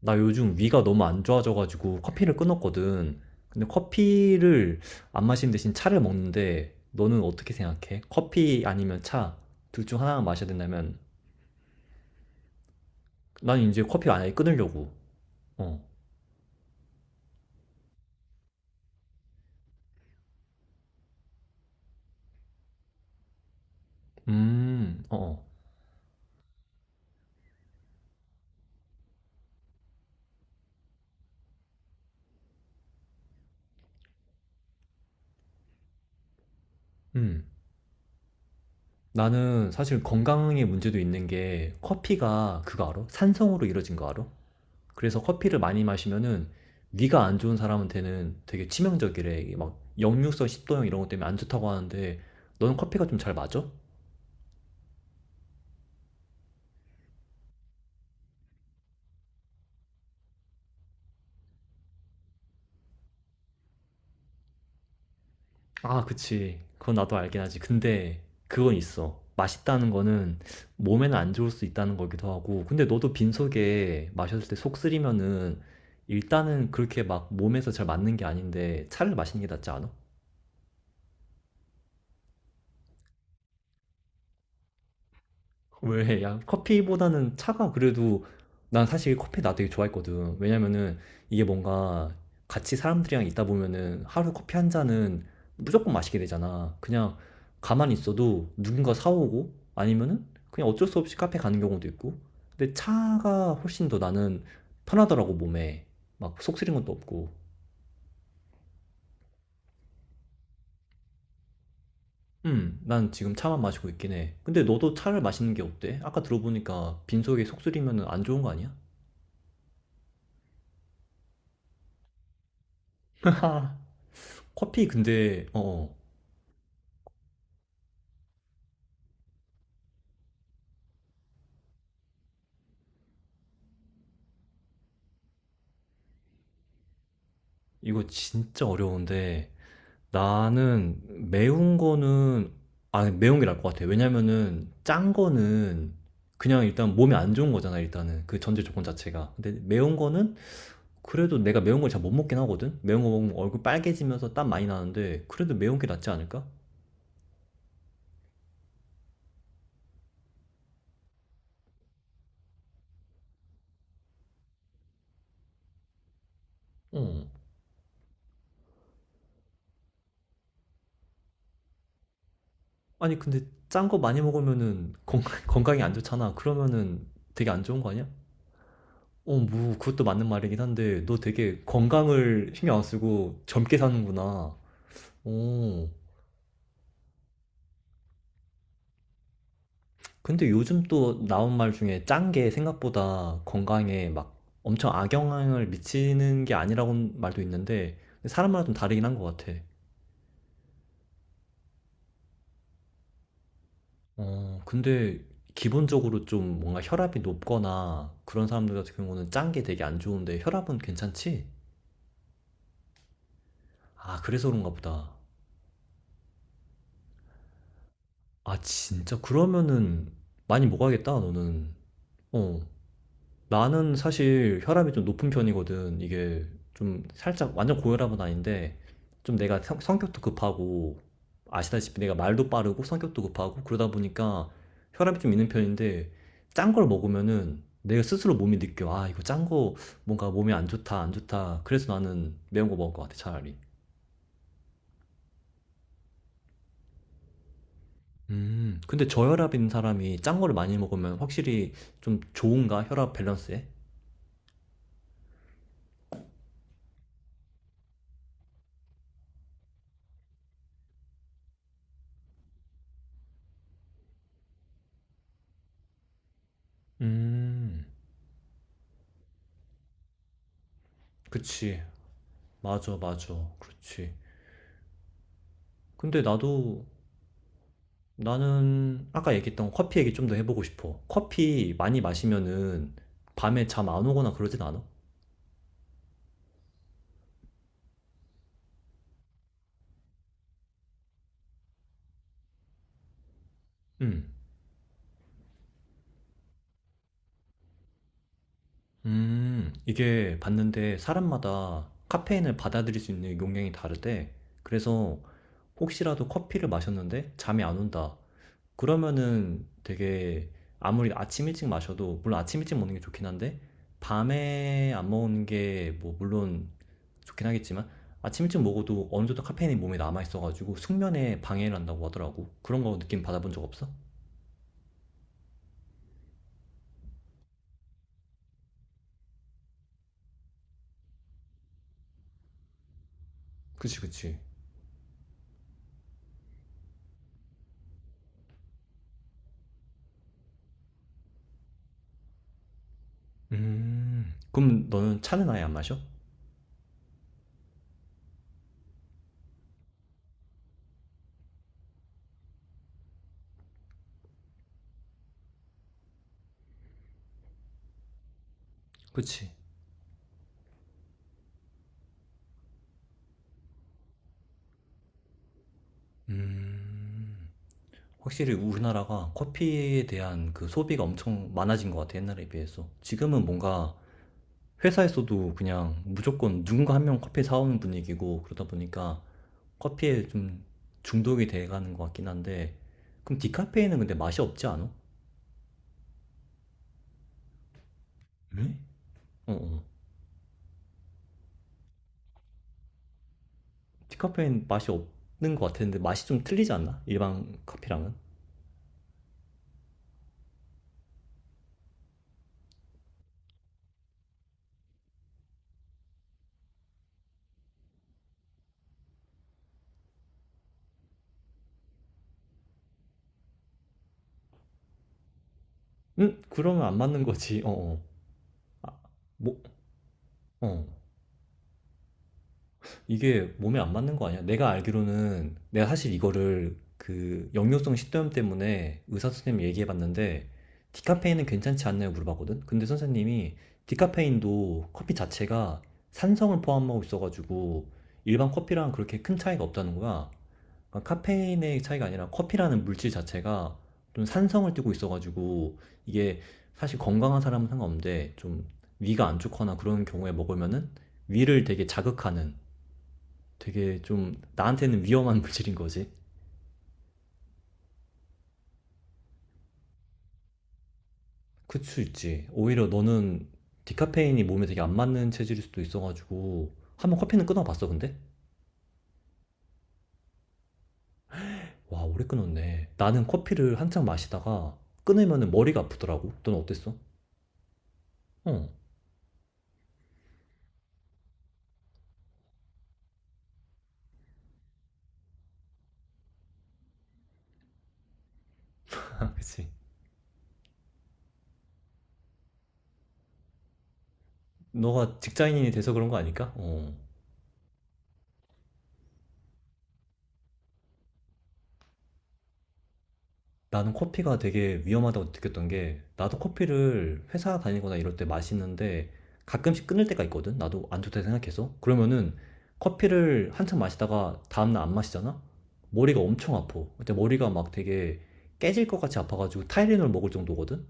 나 요즘 위가 너무 안 좋아져가지고 커피를 끊었거든. 근데 커피를 안 마시는 대신 차를 먹는데 너는 어떻게 생각해? 커피 아니면 차? 둘 중 하나만 마셔야 된다면 난 이제 커피안 아예 끊으려고. 어. 어, 어. 음. 나는 사실 건강에 문제도 있는 게 커피가, 그거 알아? 산성으로 이루어진 거 알아? 그래서 커피를 많이 마시면은 위가 안 좋은 사람한테는 되게 치명적이래. 이게 막 역류성 식도염 이런 것 때문에 안 좋다고 하는데 너는 커피가 좀 잘 맞아? 아, 그치. 그건 나도 알긴 하지. 근데 그건 있어. 맛있다는 거는 몸에는 안 좋을 수 있다는 거기도 하고. 근데 너도 빈속에 마셨을 때 속 쓰리면은 일단은 그렇게 막 몸에서 잘 맞는 게 아닌데 차를 마시는 게 낫지 않아? 왜? 야, 커피보다는 차가 그래도. 난 사실 커피 나 되게 좋아했거든. 왜냐면은 이게 뭔가 같이 사람들이랑 있다 보면은 하루 커피 한 잔은 무조건 마시게 되잖아. 그냥 가만히 있어도 누군가 사오고 아니면은 그냥 어쩔 수 없이 카페 가는 경우도 있고. 근데 차가 훨씬 더 나는 편하더라고, 몸에. 막 속 쓰린 것도 없고. 난 지금 차만 마시고 있긴 해. 근데 너도 차를 마시는 게 어때? 아까 들어보니까 빈속에 속 쓰리면은 안 좋은 거 아니야? 커피 근데 어 어. 이거 진짜 어려운데 나는 매운 거는, 아 매운 게 나을 것 같아. 왜냐면은 짠 거는 그냥 일단 몸에 안 좋은 거잖아, 일단은 그 전제 조건 자체가. 근데 매운 거는 그래도 내가 매운 걸 잘 못 먹긴 하거든. 매운 거 먹으면 얼굴 빨개지면서 땀 많이 나는데 그래도 매운 게 낫지 않을까? 어. 아니 근데 짠 거 많이 먹으면은 건 건강에 안 좋잖아. 그러면은 되게 안 좋은 거 아니야? 어, 뭐, 그것도 맞는 말이긴 한데, 너 되게 건강을 신경 안 쓰고 젊게 사는구나. 어. 근데 요즘 또 나온 말 중에 짠 게 생각보다 건강에 막 엄청 악영향을 미치는 게 아니라고 말도 있는데, 사람마다 좀 다르긴 한 것 같아. 어, 근데 기본적으로 좀 뭔가 혈압이 높거나 그런 사람들 같은 경우는 짠 게 되게 안 좋은데 혈압은 괜찮지? 아, 그래서 그런가 보다. 아, 진짜? 그러면은 많이 먹어야겠다, 너는. 어. 나는 사실 혈압이 좀 높은 편이거든. 이게 좀 살짝 완전 고혈압은 아닌데 좀 내가 성, 성격도 급하고, 아시다시피 내가 말도 빠르고 성격도 급하고 그러다 보니까 혈압이 좀 있는 편인데 짠 걸 먹으면은 내가 스스로 몸이 느껴. 아, 이거 짠 거 뭔가 몸에 안 좋다, 안 좋다. 그래서 나는 매운 거 먹을 것 같아, 차라리. 근데 저혈압인 사람이 짠 거를 많이 먹으면 확실히 좀 좋은가? 혈압 밸런스에? 음, 그치. 맞아, 맞아. 그렇지. 근데 나도 나는 아까 얘기했던 커피 얘기 좀 더 해보고 싶어. 커피 많이 마시면은 밤에 잠 안 오거나 그러진 않아? 음. 이게 봤는데 사람마다 카페인을 받아들일 수 있는 용량이 다르대. 그래서 혹시라도 커피를 마셨는데 잠이 안 온다. 그러면은 되게 아무리 아침 일찍 마셔도, 물론 아침 일찍 먹는 게 좋긴 한데 밤에 안 먹는 게 뭐 물론 좋긴 하겠지만 아침 일찍 먹어도 어느 정도 카페인이 몸에 남아 있어가지고 숙면에 방해를 한다고 하더라고. 그런 거 느낌 받아본 적 없어? 그치 그치. 그럼 너는 차는 아예 안 마셔? 그치. 음, 확실히 우리나라가 커피에 대한 그 소비가 엄청 많아진 것 같아, 옛날에 비해서. 지금은 뭔가 회사에서도 그냥 무조건 누군가 한 명 커피 사오는 분위기고, 그러다 보니까 커피에 좀 중독이 돼가는 것 같긴 한데 그럼 디카페인은 근데 맛이 없지 않아? 왜? 어, 어. 디카페인 맛이 없는 것 같은데 맛이 좀 틀리지 않나? 일반 커피랑은? 응? 그러면 안 맞는 거지. 어, 어. 뭐, 어. 이게 몸에 안 맞는 거 아니야? 내가 알기로는, 내가 사실 이거를 그 역류성 식도염 때문에 의사 선생님 얘기해 봤는데 디카페인은 괜찮지 않나요? 물어봤거든. 근데 선생님이 디카페인도 커피 자체가 산성을 포함하고 있어가지고 일반 커피랑 그렇게 큰 차이가 없다는 거야. 그러니까 카페인의 차이가 아니라 커피라는 물질 자체가 좀 산성을 띠고 있어가지고 이게 사실 건강한 사람은 상관없는데 좀 위가 안 좋거나 그런 경우에 먹으면은 위를 되게 자극하는, 되게 좀 나한테는 위험한 물질인 거지. 그럴 수 있지. 오히려 너는 디카페인이 몸에 되게 안 맞는 체질일 수도 있어가지고. 한번 커피는 끊어봤어 근데? 와 오래 끊었네. 나는 커피를 한창 마시다가 끊으면 머리가 아프더라고. 넌 어땠어? 어, 아, 그치. 너가 직장인이 돼서 그런 거 아닐까? 어. 나는 커피가 되게 위험하다고 느꼈던 게, 나도 커피를 회사 다니거나 이럴 때 마시는데, 가끔씩 끊을 때가 있거든? 나도 안 좋다 생각해서. 그러면은, 커피를 한참 마시다가 다음날 안 마시잖아? 머리가 엄청 아파. 근데 머리가 막 되게 깨질 것 같이 아파가지고 타이레놀 먹을 정도거든?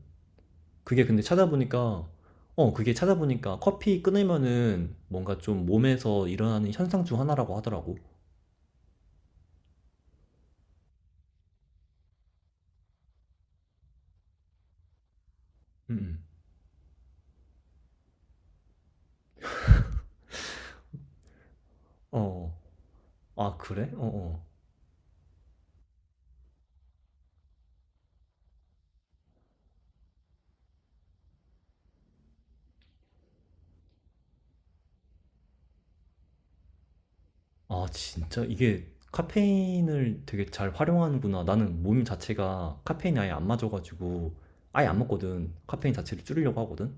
그게 근데 찾아보니까, 어, 그게 찾아보니까 커피 끊으면은 뭔가 좀 몸에서 일어나는 현상 중 하나라고 하더라고. 음. 음. 어. 아, 그래? 어, 어. 아, 진짜 이게 카페인을 되게 잘 활용하는구나. 나는 몸 자체가 카페인이 아예 안 맞아가지고 아예 안 먹거든. 카페인 자체를 줄이려고 하거든.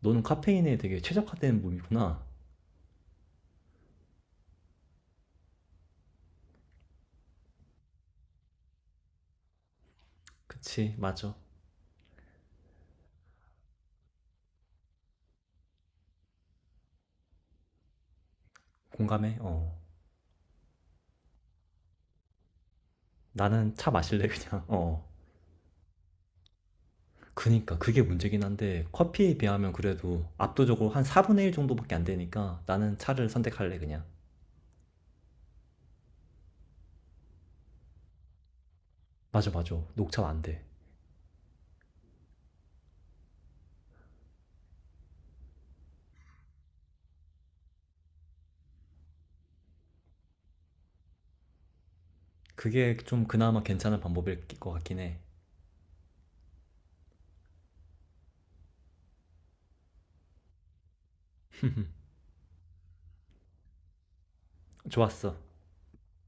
너는 카페인에 되게 최적화된 몸이구나. 그치, 맞아. 공감해. 어. 나는 차 마실래, 그냥. 어. 그니까 그게 문제긴 한데 커피에 비하면 그래도 압도적으로 한 4분의 1 정도밖에 안 되니까 나는 차를 선택할래, 그냥. 맞아, 맞아. 녹차 안 돼. 그게 좀 그나마 괜찮은 방법일 것 같긴 해. 좋았어.